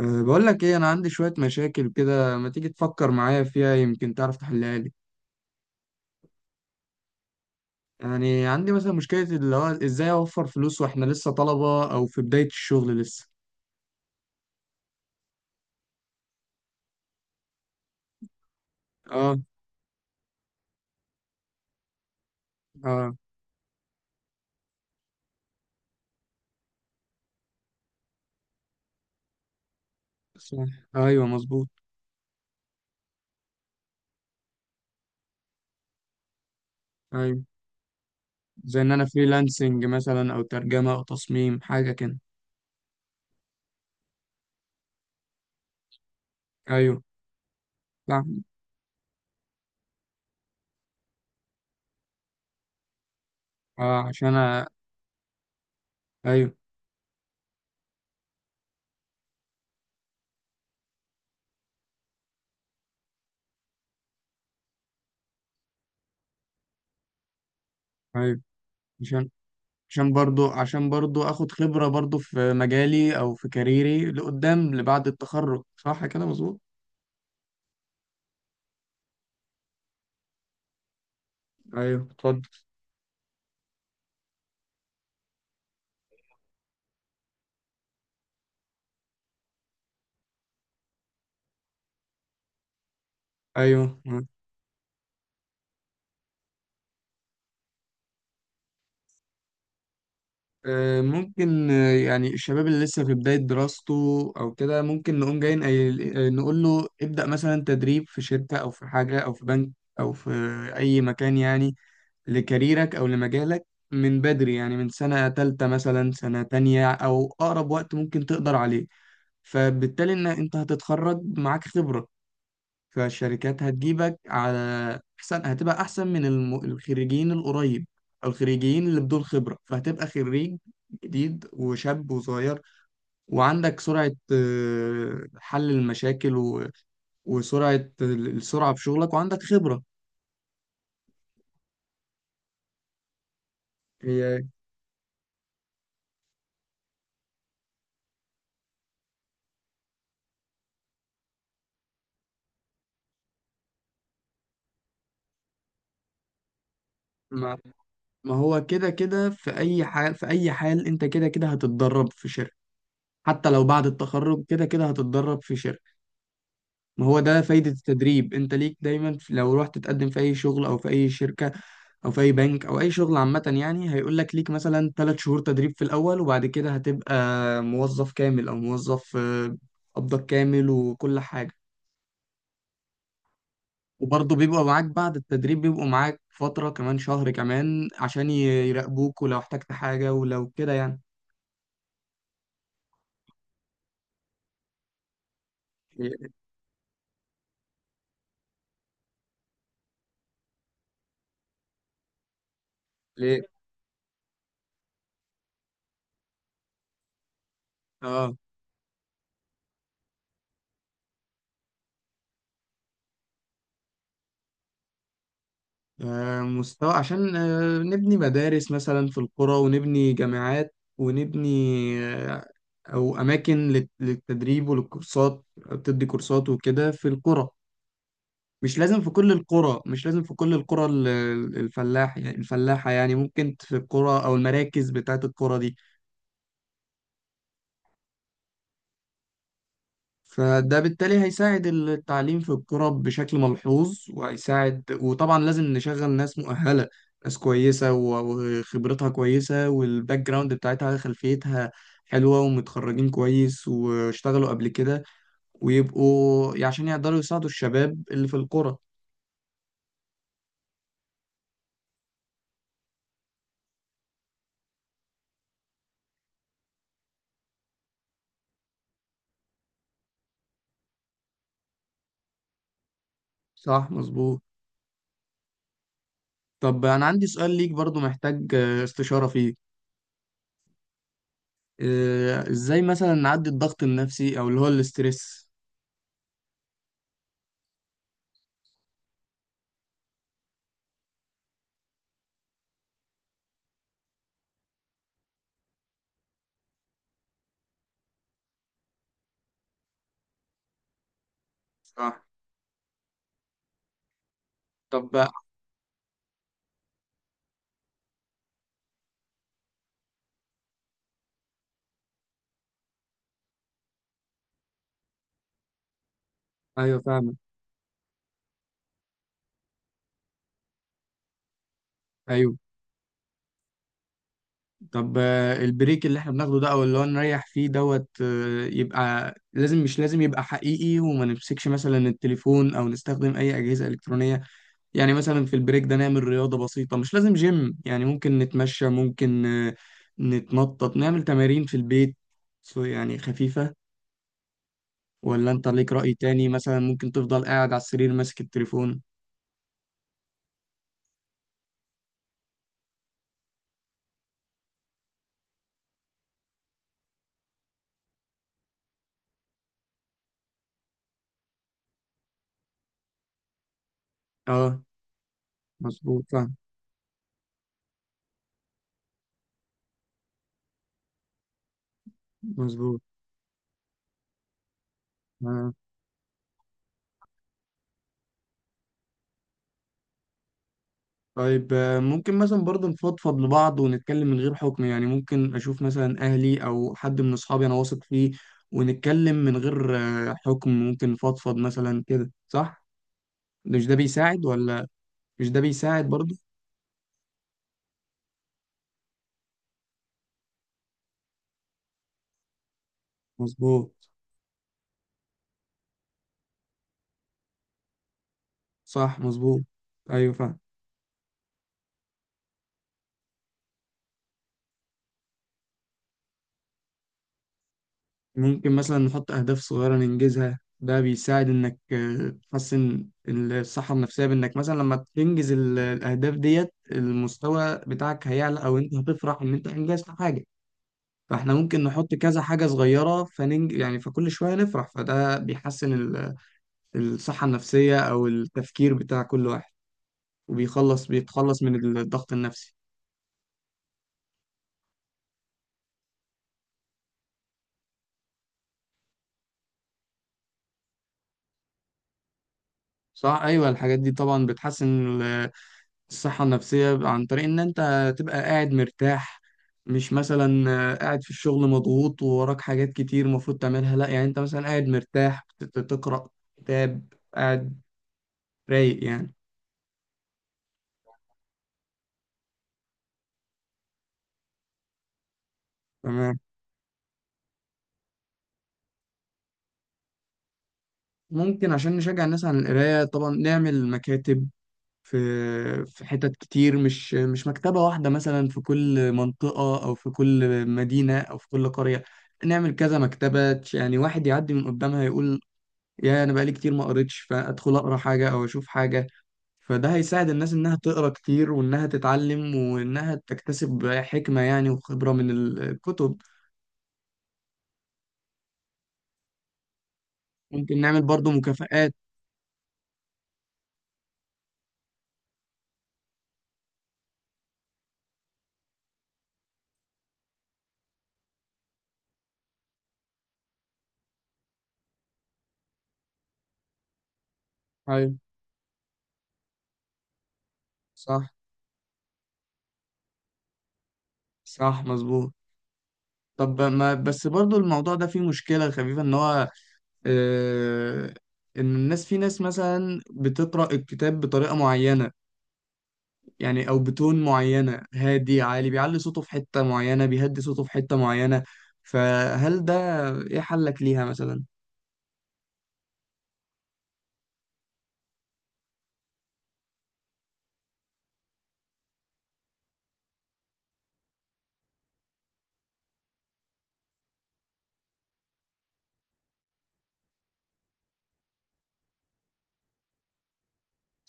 أه، بقول لك ايه، انا عندي شوية مشاكل كده، ما تيجي تفكر معايا فيها يمكن تعرف تحلها لي. يعني عندي مثلا مشكلة، اللي هو ازاي اوفر فلوس واحنا لسه طلبة او في بداية الشغل لسه. اه، اه، صح. ايوه مظبوط. ايوه، زي ان انا فريلانسنج مثلا، او ترجمة او تصميم حاجة كده. ايوه صح. اه، عشان ايوه. ايوه. عشان عشان برضو اخد خبرة برضو في مجالي او في كاريري لقدام، لبعد التخرج. صح كده مظبوط. ايوه اتفضل. ايوه. ممكن يعني الشباب اللي لسه في بداية دراسته او كده، ممكن نقوم جايين نقول له ابدأ مثلا تدريب في شركة، او في حاجة، او في بنك، او في اي مكان يعني، لكاريرك او لمجالك من بدري، يعني من سنة تالتة مثلا، سنة تانية او اقرب وقت ممكن تقدر عليه. فبالتالي ان انت هتتخرج معاك خبرة، فالشركات هتجيبك على احسن، هتبقى احسن من الخريجين القريب، او الخريجين اللي بدون خبرة، فهتبقى خريج جديد وشاب وصغير، وعندك سرعة حل المشاكل وسرعة السرعة في شغلك، وعندك خبرة. هي. ما... ما هو كده كده في أي حال، أنت كده كده هتتدرب في شركة، حتى لو بعد التخرج كده كده هتتدرب في شركة. ما هو ده فايدة التدريب، انت ليك دايما لو رحت تقدم في اي شغل، او في اي شركة، او في اي بنك، او اي شغل عامة، يعني هيقول لك ليك مثلا 3 شهور تدريب في الاول، وبعد كده هتبقى موظف كامل، او موظف قبضك كامل وكل حاجة. وبرضه بيبقوا معاك، بعد التدريب بيبقوا معاك فترة كمان، شهر كمان عشان يراقبوك، ولو احتجت حاجة ولو كده يعني. ليه؟ ليه؟ اه. مستوى، عشان نبني مدارس مثلا في القرى، ونبني جامعات، ونبني آه، أو أماكن للتدريب، وللكورسات، بتدي كورسات وكده في القرى. مش لازم في كل القرى مش لازم في كل القرى، الفلاحة، يعني ممكن في القرى أو المراكز بتاعت القرى دي. فده بالتالي هيساعد التعليم في القرى بشكل ملحوظ، وهيساعد، وطبعا لازم نشغل ناس مؤهلة، ناس كويسة وخبرتها كويسة، والباك جراوند بتاعتها، خلفيتها حلوة، ومتخرجين كويس واشتغلوا قبل كده، ويبقوا عشان يقدروا يساعدوا الشباب اللي في القرى. صح مظبوط. طب أنا عندي سؤال ليك برضو، محتاج استشارة فيه. ازاي مثلا نعدي الضغط النفسي، او اللي هو الاسترس؟ صح. طب. ايوه فاهمك. ايوه. طب، البريك اللي احنا بناخده ده، او اللي هو نريح فيه دوت، يبقى لازم، مش لازم يبقى حقيقي، وما نمسكش مثلا التليفون او نستخدم اي اجهزة الكترونية. يعني مثلا في البريك ده نعمل رياضة بسيطة، مش لازم جيم يعني، ممكن نتمشى، ممكن نتنطط، نعمل تمارين في البيت، سو يعني خفيفة. ولا انت ليك رأي تاني؟ مثلا ممكن تفضل قاعد على السرير ماسك التليفون. اه مظبوط فاهم. مظبوط. آه. طيب، ممكن مثلا برضه نفضفض لبعض، ونتكلم من غير حكم، يعني ممكن أشوف مثلا أهلي أو حد من أصحابي أنا واثق فيه، ونتكلم من غير حكم، ممكن نفضفض مثلا كده، صح؟ مش ده بيساعد ولا؟ مش ده بيساعد برضه؟ مظبوط. صح مظبوط. أيوه فاهم. ممكن مثلا نحط أهداف صغيرة ننجزها، ده بيساعد إنك تحسن الصحة النفسية، بإنك مثلا لما تنجز الأهداف ديت، المستوى بتاعك هيعلى، أو أنت هتفرح إن أنت أنجزت حاجة. فاحنا ممكن نحط كذا حاجة صغيرة، يعني فكل شوية نفرح، فده بيحسن الصحة النفسية، أو التفكير بتاع كل واحد، بيتخلص من الضغط النفسي. صح. أيوة، الحاجات دي طبعا بتحسن ال- الصحة النفسية، عن طريق إن أنت تبقى قاعد مرتاح، مش مثلا قاعد في الشغل مضغوط ووراك حاجات كتير المفروض تعملها، لا، يعني أنت مثلا قاعد مرتاح تقرأ كتاب، قاعد رايق يعني. تمام. ممكن، عشان نشجع الناس على القراية، طبعا نعمل مكاتب في في حتت كتير، مش مكتبة واحدة، مثلا في كل منطقة أو في كل مدينة أو في كل قرية، نعمل كذا مكتبة، يعني واحد يعدي من قدامها يقول: يا، أنا بقالي كتير ما قريتش، فأدخل أقرأ حاجة أو أشوف حاجة. فده هيساعد الناس إنها تقرأ كتير، وإنها تتعلم، وإنها تكتسب حكمة يعني وخبرة من الكتب. ممكن نعمل برضو مكافآت. أيوة. صح، صح مظبوط. طب ما بس برضو، الموضوع ده فيه مشكلة خفيفة، إن هو آه، ان الناس في ناس مثلا بتقرأ الكتاب بطريقة معينة، يعني او بتون معينة، هادي، عالي، بيعلي صوته في حتة معينة، بيهدي صوته في حتة معينة. فهل ده ايه حلك ليها مثلا؟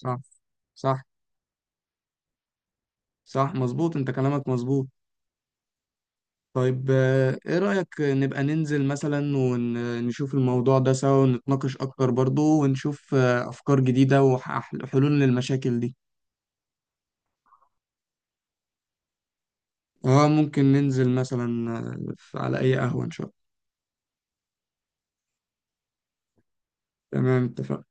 صح. صح. صح مظبوط، انت كلامك مظبوط. طيب، ايه رأيك نبقى ننزل مثلا ونشوف الموضوع ده سوا، ونتناقش اكتر برضو، ونشوف افكار جديدة وحلول للمشاكل دي؟ اه، ممكن ننزل مثلا على اي قهوة ان شاء الله. تمام اتفقنا.